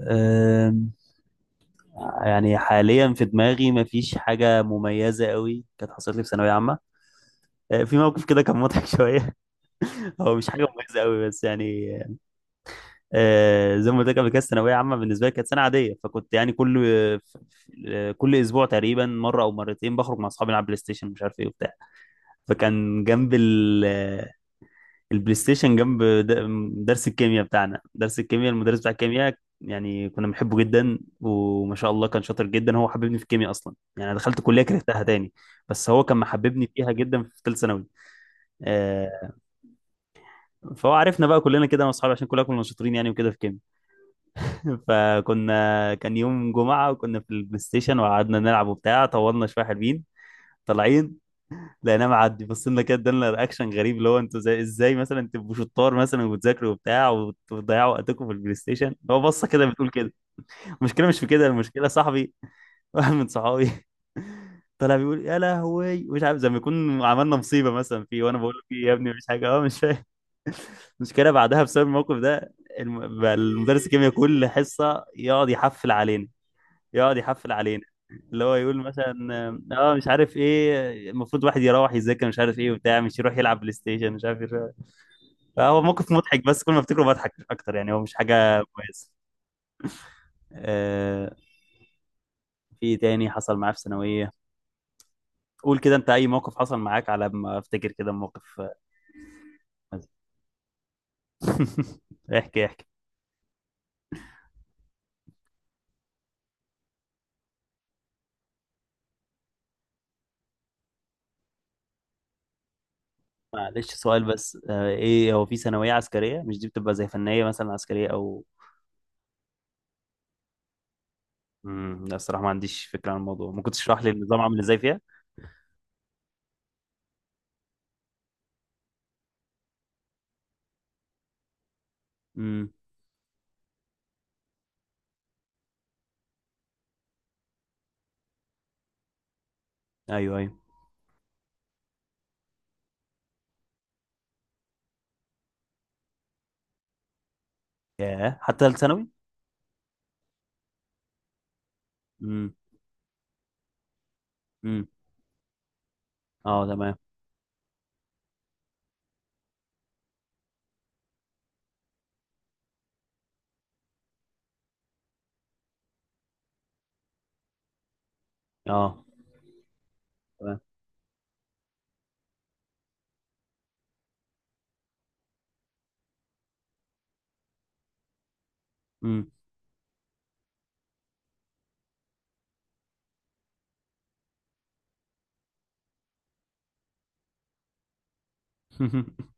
أم، يعني حاليا في دماغي مفيش حاجة مميزة قوي كانت حصلت لي في ثانوية عامة. في موقف كده كان مضحك شوية، هو مش حاجة مميزة قوي بس يعني. زي ما قلت لك قبل كده الثانوية عامة بالنسبة لي كانت سنة عادية، فكنت يعني كل أسبوع تقريبا مرة أو مرتين بخرج مع أصحابي نلعب بلاي ستيشن مش عارف إيه وبتاع. فكان جنب البلاي ستيشن جنب درس الكيمياء بتاعنا، درس الكيمياء، المدرس بتاع الكيمياء يعني كنا بنحبه جدا وما شاء الله كان شاطر جدا، هو حببني في الكيمياء اصلا، يعني أنا دخلت كليه كرهتها تاني بس هو كان محببني فيها جدا في ثالث ثانوي. آه، فهو عرفنا بقى كلنا كده انا واصحابي عشان كلنا كنا شاطرين يعني وكده في الكيمياء. كان يوم جمعه وكنا في البلاي ستيشن وقعدنا نلعب وبتاع، طولنا شويه حلوين طالعين لقيناه معدي، بصينا كده ادالنا رياكشن غريب اللي هو انتوا زي ازاي مثلا تبقوا شطار مثلا وبتذاكروا وبتاع وتضيعوا وقتكم في البلاي ستيشن، هو بصه كده بتقول كده. المشكله مش في كده، المشكله صاحبي واحد من صحابي طلع بيقول يا لهوي مش عارف زي ما يكون عملنا مصيبه مثلا، فيه وانا بقول له في إيه يا ابني مش حاجه اه مش فاهم. المشكله بعدها بسبب الموقف ده بقى المدرس الكيمياء كل حصه يقعد يحفل علينا، يقعد يحفل علينا، اللي هو يقول مثلا اه مش عارف ايه المفروض واحد يروح يذاكر مش عارف ايه وبتاع مش يروح يلعب بلاي ستيشن مش عارف ايه. فهو موقف مضحك بس كل ما افتكره بضحك مش اكتر، يعني هو مش حاجه كويسه. آه في إيه تاني حصل معاه في ثانويه؟ قول كده انت اي موقف حصل معاك، على ما افتكر كده موقف. مزح. احكي احكي. معلش سؤال بس، ايه هو في ثانويه عسكريه؟ مش دي بتبقى زي فنيه مثلا عسكريه او... لا الصراحه ما عنديش فكره عن الموضوع، ممكن تشرح لي النظام عامل ازاي فيها؟ امم ايوه ايوه. ياه حتى ثالث ثانوي؟ امم. امم. اه تمام. اه تمام. امم.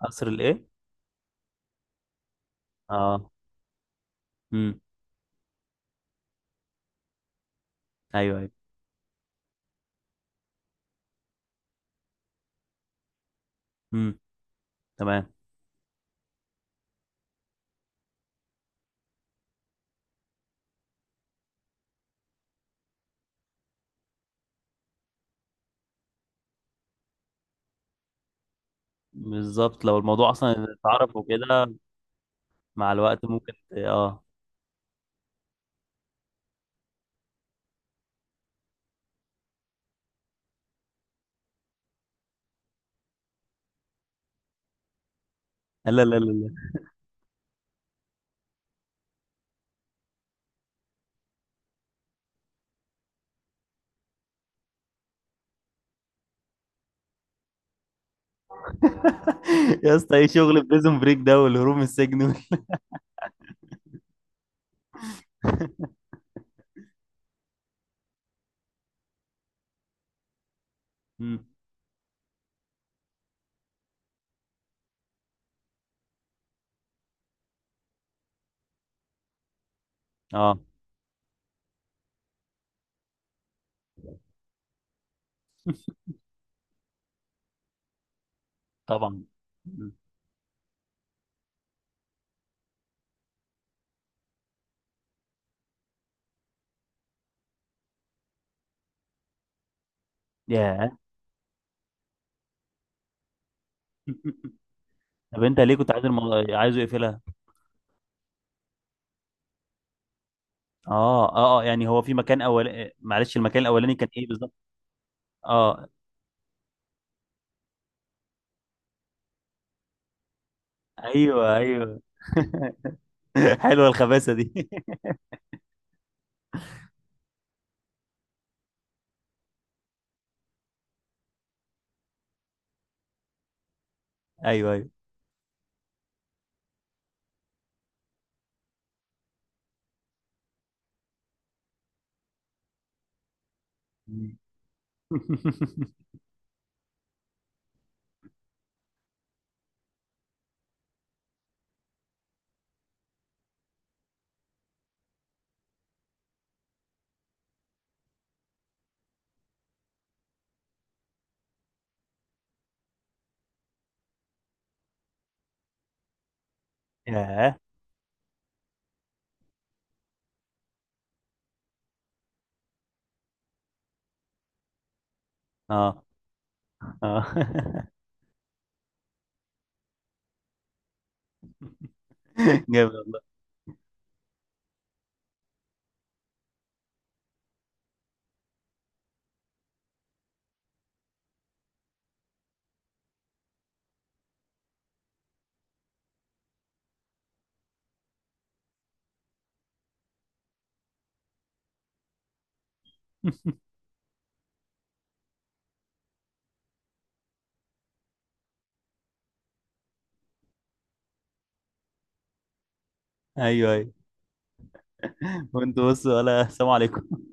قصر الايه؟ اه. امم. ايوه ايوه. امم. تمام. بالظبط لو الموضوع اصلا اتعرف وكده مع الوقت ممكن اه. لا لا لا لا. يا اسطى ايه شغل بريزون بريك ده والهروب من السجن وال-. مم. اه طبعا. مم. ياه. طب انت ليه كنت عايز الموضوع عايزه يقفلها؟ اه اه اه، يعني هو في مكان اول، معلش المكان الاولاني كان ايه بالظبط؟ اه ايوه ايوه. حلوه الخباثه دي. ايوه ايوه. ياه. اه اه. جامد والله. ايوه ايوه. وانتوا بصوا ولا السلام عليكم؟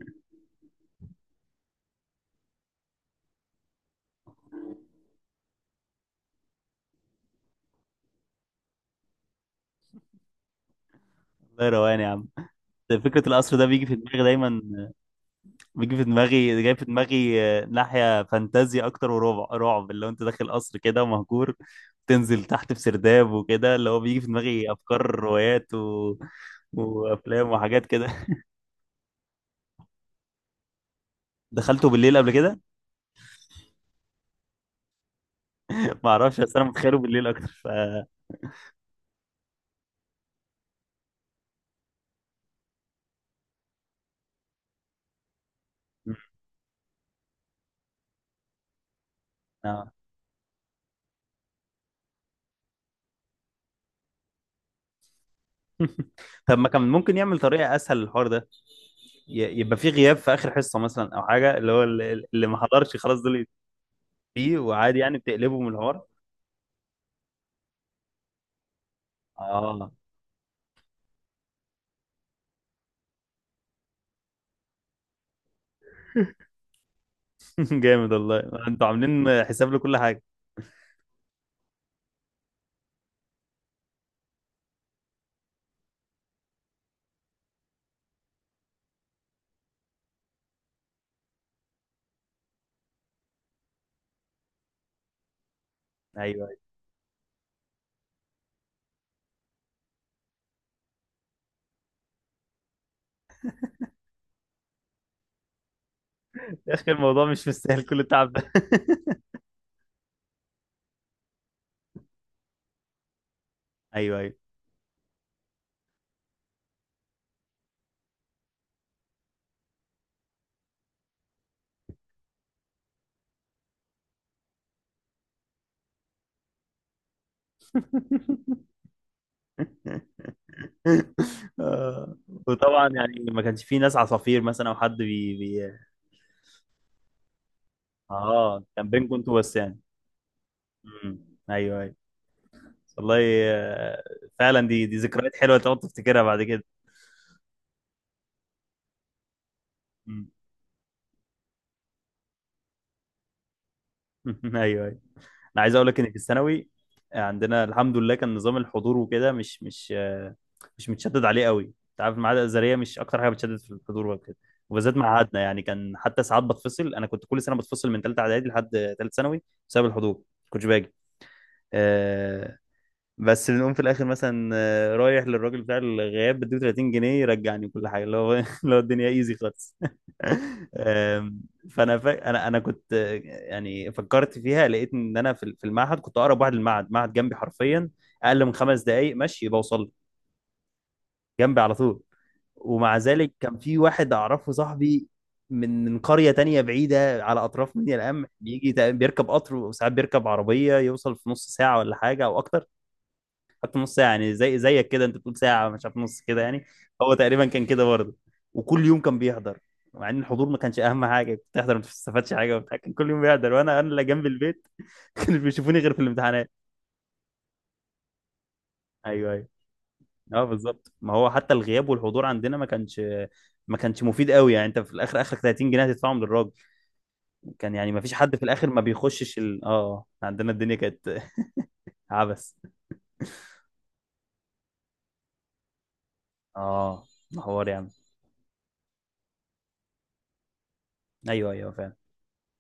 الله، روقان يا عم. ده فكره القصر ده بيجي في دماغي دايما، بيجي في دماغي، جاي في دماغي، ناحيه فانتازيا اكتر ورعب، رعب اللي هو انت داخل قصر كده ومهجور، تنزل تحت في سرداب وكده، اللي هو بيجي في دماغي افكار روايات و... وافلام وحاجات كده. دخلته بالليل قبل كده؟ ما اعرفش بس انا متخيله بالليل اكتر ف آه. طب ما كان ممكن يعمل طريقه اسهل للحوار ده؟ يبقى في غياب في اخر حصه مثلا او حاجه، اللي هو اللي ما حضرش خلاص دول فيه، وعادي يعني بتقلبه من الحوار. اه. جامد والله، انتوا عاملين حساب لكل حاجه. ايوه ايوه. يا اخي الموضوع مش مستاهل كل التعب ده. ايوه ايوه. آه. وطبعا يعني ما كانش في ناس عصافير مثلا او حد اه كان بينكم انتوا بس يعني. مم. ايوه. والله. آه، فعلا دي ذكريات حلوه تقعد تفتكرها بعد كده. مم. ايوه ايوه. انا عايز اقول لك ان في الثانوي عندنا الحمد لله كان نظام الحضور وكده مش متشدد عليه قوي، انت عارف المعاهد الازهريه مش اكتر حاجه بتشدد في الحضور وكده، وبالذات معهدنا يعني كان حتى ساعات بتفصل، انا كنت كل سنه بتفصل من ثالثه اعدادي لحد ثالث ثانوي بسبب الحضور ما كنتش باجي. آه، بس بنقوم في الاخر مثلا رايح للراجل بتاع الغياب بديه 30 جنيه يرجعني كل حاجه اللي هو اللي هو الدنيا ايزي خالص. آم، فانا انا كنت يعني فكرت فيها لقيت ان انا في المعهد كنت اقرب واحد للمعهد، معهد جنبي حرفيا، اقل من 5 دقائق مشي بوصل له، جنبي على طول. ومع ذلك كان في واحد اعرفه صاحبي من قريه تانية بعيده على اطراف منيا القمح بيجي بيركب قطر وساعات بيركب عربيه يوصل في نص ساعه ولا حاجه او اكتر. حط نص ساعه يعني زي زيك كده انت بتقول ساعه مش عارف نص كده يعني، هو تقريبا كان كده برضه. وكل يوم كان بيحضر، مع ان الحضور ما كانش اهم حاجه، كنت بتحضر ما بتستفادش حاجه وبتاع، كان كل يوم بيحضر وانا انا اللي جنب البيت كانوا بيشوفوني غير في الامتحانات. ايوه ايوه. اه بالظبط، ما هو حتى الغياب والحضور عندنا ما كانش، ما كانش مفيد قوي، يعني انت في الاخر اخرك 30 جنيه هتدفعهم للراجل. كان يعني ما فيش حد في الاخر ما بيخشش ال... اه عندنا الدنيا كانت عبث. اه حوار يعني. ايوه ايوه فعلا.